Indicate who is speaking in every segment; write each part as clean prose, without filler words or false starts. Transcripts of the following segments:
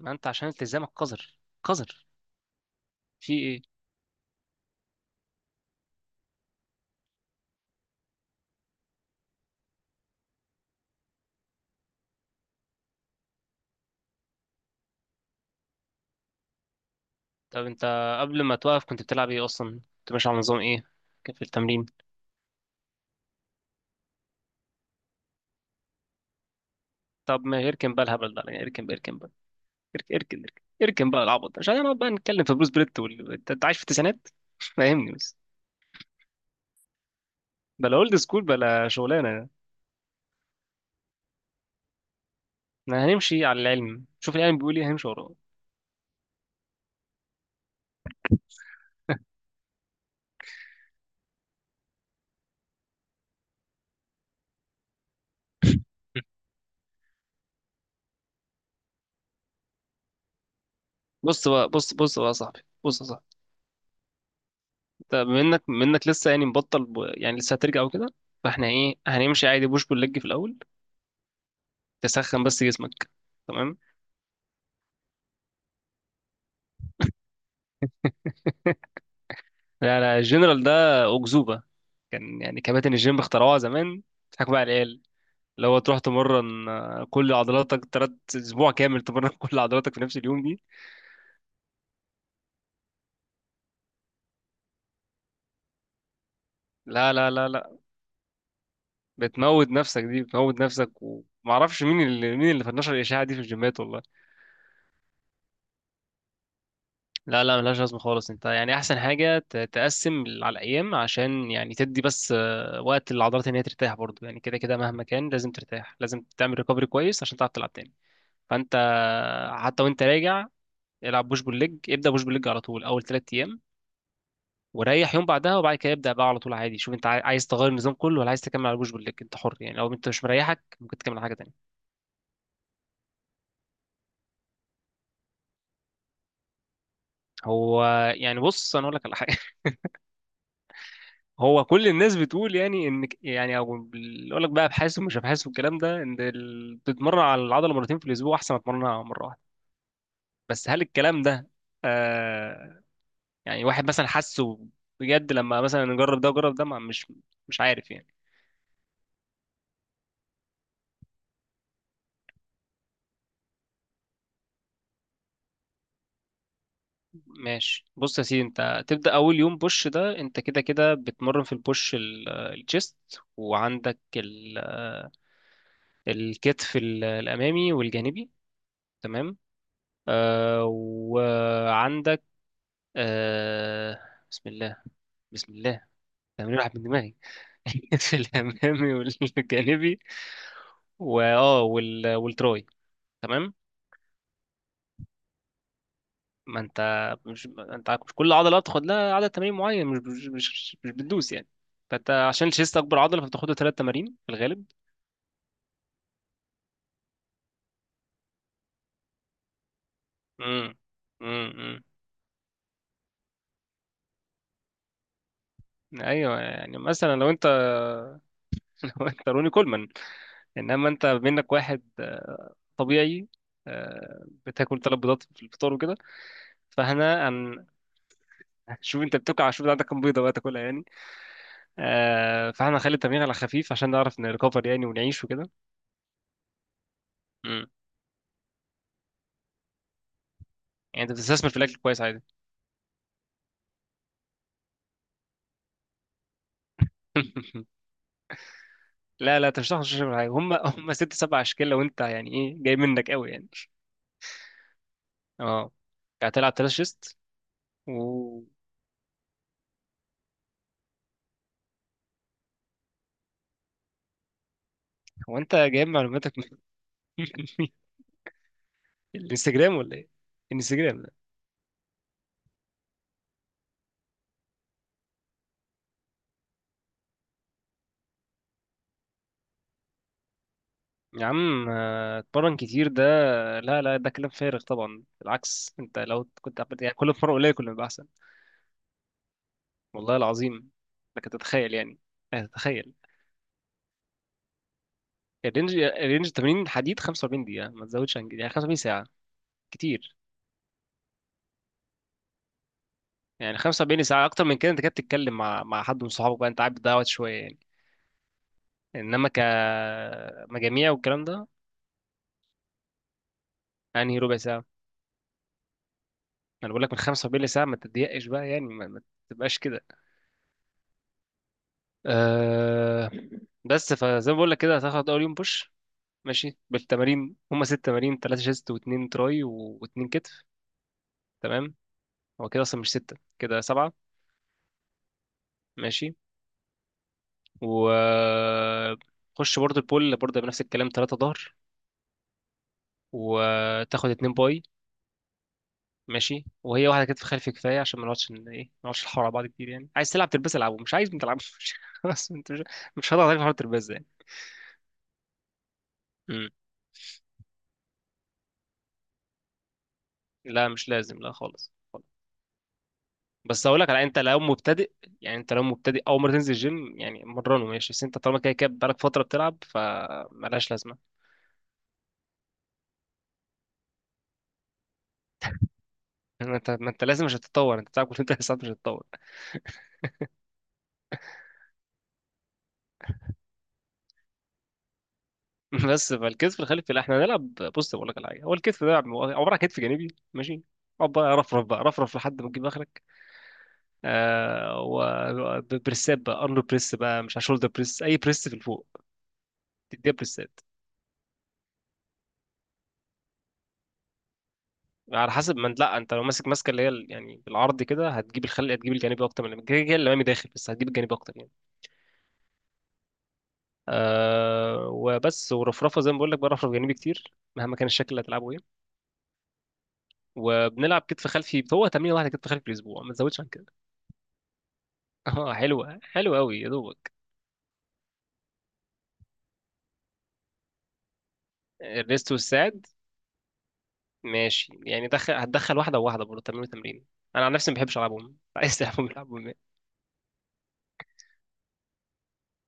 Speaker 1: ما انت عشان التزامك قذر. قذر. في ايه؟ طب انت، قبل ما توقف كنت بتلعب ايه اصلا؟ كنت ماشي على نظام ايه؟ كان في التمرين؟ طب ما اركن بقى الهبل ده يعني، اركن بقى، اركن بقى اركن اركن اركن, اركن بقى العبط ده، عشان نقعد بقى نتكلم في بروس بريت انت عايش في التسعينات. فاهمني بس. بلا اولد سكول بلا شغلانه. احنا هنمشي على العلم، شوف العلم بيقول ايه هنمشي وراه. بص بقى، بص بص بقى يا صاحبي بص يا صاحبي، انت منك لسه يعني، مبطل يعني لسه هترجع وكده، فاحنا ايه، هنمشي عادي بوش بول ليج في الاول، تسخن بس جسمك، تمام. لا لا، الجنرال ده أكذوبة. كان يعني كباتن الجيم اخترعوها زمان، بيضحكوا بقى على العيال، اللي هو تروح تمرن، كل عضلاتك تلات أسبوع كامل تمرن كل عضلاتك في نفس اليوم دي. لا لا، بتموت نفسك، دي بتموت نفسك، ومعرفش مين اللي، مين اللي فنشر الإشاعة دي في الجيمات والله. لا لا، ملهاش لازمة خالص. انت يعني أحسن حاجة تقسم على الأيام، عشان يعني تدي بس وقت للعضلات إن هي ترتاح برضه، يعني كده كده مهما كان لازم ترتاح، لازم تعمل ريكفري كويس عشان تعرف تلعب تاني. فانت حتى وانت راجع، العب بوش بول ليج، ابدا بوش بول ليج على طول اول ثلاث ايام، وريح يوم بعدها، وبعد كده ابدا بقى على طول عادي. شوف انت عايز تغير النظام كله، ولا عايز تكمل على بوش بول ليج، انت حر يعني. لو انت مش مريحك ممكن تكمل على حاجه تانية. هو يعني بص، انا اقول لك على حاجه. هو كل الناس بتقول يعني ان، يعني او بيقول لك بقى ابحاث ومش ابحاث والكلام ده، ان تتمرن على العضله مرتين في الاسبوع احسن ما تتمرنها مره واحده. بس هل الكلام ده آه، يعني واحد مثلا حاسه بجد، لما مثلا نجرب ده وجرب ده مش مش عارف يعني. ماشي، بص يا سيدي، انت تبدأ اول يوم بوش، ده انت كده كده بتمرن في البوش الجيست، وعندك الكتف الامامي والجانبي، تمام. آه وعندك، آه، بسم الله، بسم الله، تمرين راح من دماغي. الكتف الامامي والجانبي، والتراي، تمام. ما انت مش، ما انت مش كل عضله تاخد لها عدد تمارين معين، مش بتدوس يعني. فانت عشان الشيست اكبر عضله فبتاخد له ثلاث تمارين في الغالب. امم، امم، ايوه. يعني مثلا لو انت، لو انت روني كولمان، انما انت منك واحد طبيعي، بتاكل ثلاث بيضات في الفطار وكده، فاحنا هن- هنشوف انت بتاكل، هنشوف عندك كام بيضه بقى تاكلها يعني. فاحنا هنخلي التمرين على خفيف، عشان نعرف نريكفر يعني ونعيش وكده. امم، يعني انت بتستثمر في الاكل كويس عادي. لا لا، انت مش هتعرف تشرب حاجه. هم هم ست سبع اشكال لو انت يعني ايه، جاي منك قوي يعني. اه، هتلعب تلات شيست و، هو انت جايب معلوماتك من من مين؟ الانستجرام ولا ايه؟ الانستجرام ده، يا عم اتمرن كتير ده، لا لا، ده كلام فارغ طبعا. بالعكس، انت لو كنت عملت يعني كل مرة قليل كل ما يبقى احسن. والله العظيم لك تتخيل يعني، تتخيل، الرينج 80 حديد، 45 دقيقة ما تزودش عن كده، يعني 45 ساعة كتير يعني. 75 ساعة أكتر من كده، أنت كده بتتكلم مع، مع حد من صحابك بقى، أنت قاعد بتضيع وقت شوية يعني، إنما كمجاميع والكلام ده. أنهي ربع ساعة؟ أنا بقول لك من 45 ساعة ما تضيقش بقى يعني، ما تبقاش كده. أه بس فزي ما بقول لك كده، هتاخد أول يوم بوش، ماشي بالتمارين، هما ست تمارين، تلاتة شيست واتنين تراي واتنين كتف، تمام. هو كده أصلا مش ستة، كده سبعة، ماشي. و خش برضه البول برضه بنفس الكلام، تلاتة ظهر وتاخد اتنين باي، ماشي. وهي واحده كتف خلفي كفايه، عشان ما نقعدش ن- ايه ما نقعدش نحاور على بعض كتير يعني. عايز تلعب ترباز العبه، مش عايز ما تلعبش خلاص انت مش، مش هضغط عليك في حوار الترباز يعني. مم. لا مش لازم، لا خالص. بس اقول لك على، انت لو مبتدئ يعني، انت لو مبتدئ اول مره تنزل الجيم يعني مرنه، ماشي. بس انت طالما كده كده بقالك فتره بتلعب فمالهاش لازمه. ما انت، ما انت لازم مش هتتطور. انت بتلعب كل ثلاث ساعات مش هتتطور. بس فالكتف الخلفي لا احنا هنلعب، بص بقول لك على حاجه، هو الكتف ده عباره عن كتف جانبي، ماشي. اقعد بقى رفرف بقى، رفرف لحد ما تجيب اخرك. آه وبريسات بقى، ارنولد بريس بقى مش شولدر بريس، اي بريس في الفوق تديها بريسات. على حسب ما انت، لا انت لو ماسك ماسكه اللي هي يعني بالعرض كده هتجيب الخلق، هتجيب الجانبي اكتر، من كده كده الامامي داخل، بس هتجيب الجانبي اكتر يعني. آه وبس ورفرفه زي ما بقول لك، برفرف جانبي كتير مهما كان الشكل اللي هتلعبه ايه. وبنلعب كتف خلفي، هو تمرين واحده كتف خلفي في الاسبوع ما تزودش عن كده. اه حلوه، حلوه قوي يا دوبك. الريست والساعد، ماشي يعني دخل، هتدخل واحده وواحده برضه، تمرين وتمرين. انا عن نفسي ما بحبش العبهم، عايز تلعبهم العبهم.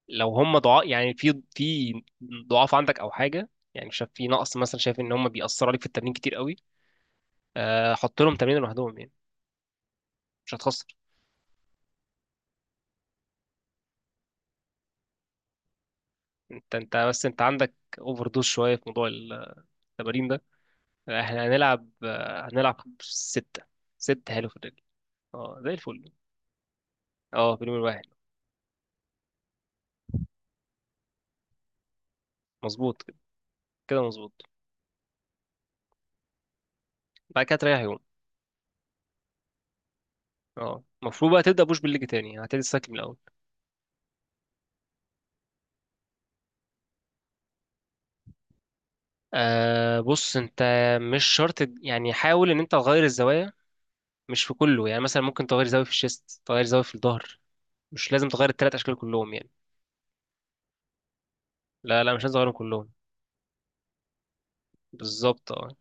Speaker 1: لو هم ضعاف يعني في، في ضعاف عندك او حاجه، يعني شايف في نقص، مثلا شايف ان هم بيأثروا عليك في التمرين كتير قوي، حط لهم تمرين لوحدهم يعني، مش هتخسر. انت انت بس، انت عندك اوفر دوز شويه في موضوع التمارين ده. احنا هنلعب هنلعب سته، ست حلو في الرجل، اه زي الفل، اه في اليوم الواحد، مظبوط كده، كده مظبوط. بعد كده تريح يوم، اه المفروض بقى تبدا بوش بالليج تاني، هتبتدي السايكل من الاول. آه بص انت مش شرط، يعني حاول ان انت تغير الزوايا، مش في كله يعني. مثلا ممكن تغير زاوية في الشيست، تغير زاوية في الظهر، مش لازم تغير التلات أشكال كلهم يعني. لا لا مش لازم تغيرهم كلهم، بالظبط اه.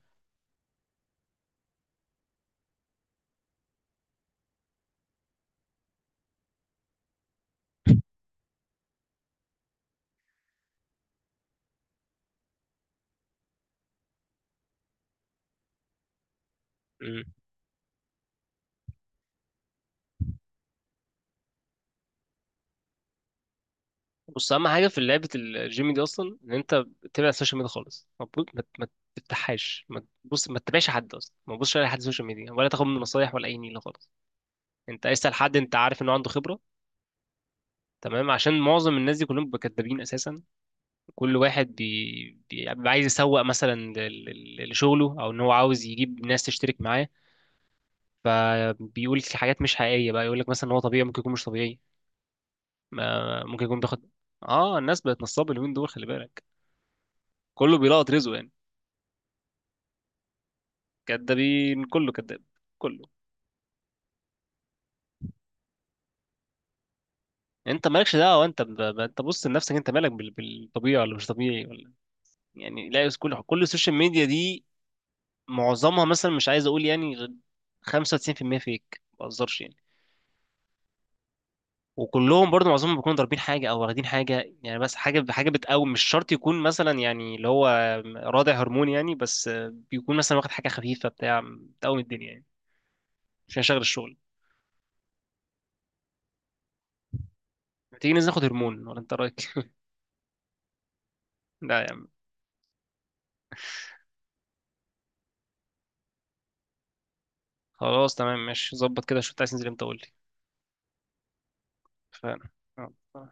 Speaker 1: أمم. بص، أهم حاجة في لعبة الجيم دي أصلا إن أنت تبعد السوشيال ميديا خالص. ما تفتحهاش، ما تبص، ما تتابعش حد أصلا، ما تبصش على حد سوشيال ميديا، ولا تاخد منه نصايح ولا أي نيلة خالص. أنت اسأل حد أنت عارف إنه عنده خبرة، تمام. عشان معظم الناس دي كلهم بيبقوا كدابين اساسا. كل واحد بيبقى عايز يسوق مثلا لشغله، او ان هو عاوز يجيب ناس تشترك معاه، فبيقول حاجات مش حقيقية بقى. يقول لك مثلا ان هو طبيعي، ممكن يكون مش طبيعي، ممكن يكون بياخد، اه الناس بقت نصابة اليومين دول خلي بالك، كله بيلقط رزقه يعني. كدابين، كله كداب، كله. انت مالكش دعوة، انت انت بص لنفسك، انت مالك بالطبيعي ولا مش طبيعي ولا إيه؟ يعني لا، كل السوشيال ميديا دي معظمها مثلا، مش عايز اقول يعني 95% فيك، ما بهزرش يعني. وكلهم برضو معظمهم بيكونوا ضاربين حاجه او واخدين حاجه يعني، بس حاجه، حاجه بتقوم مش شرط يكون مثلا يعني اللي هو رادع هرمون يعني، بس بيكون مثلا واخد حاجه خفيفه بتاع بتقوم الدنيا يعني. مش هنشغل الشغل. تيجي ننزل ناخد هرمون ولا، انت رايك؟ لا يا عم. خلاص تمام ماشي، ظبط كده، شوف انت عايز تنزل امتى قول لي. اتفقنا، يلا.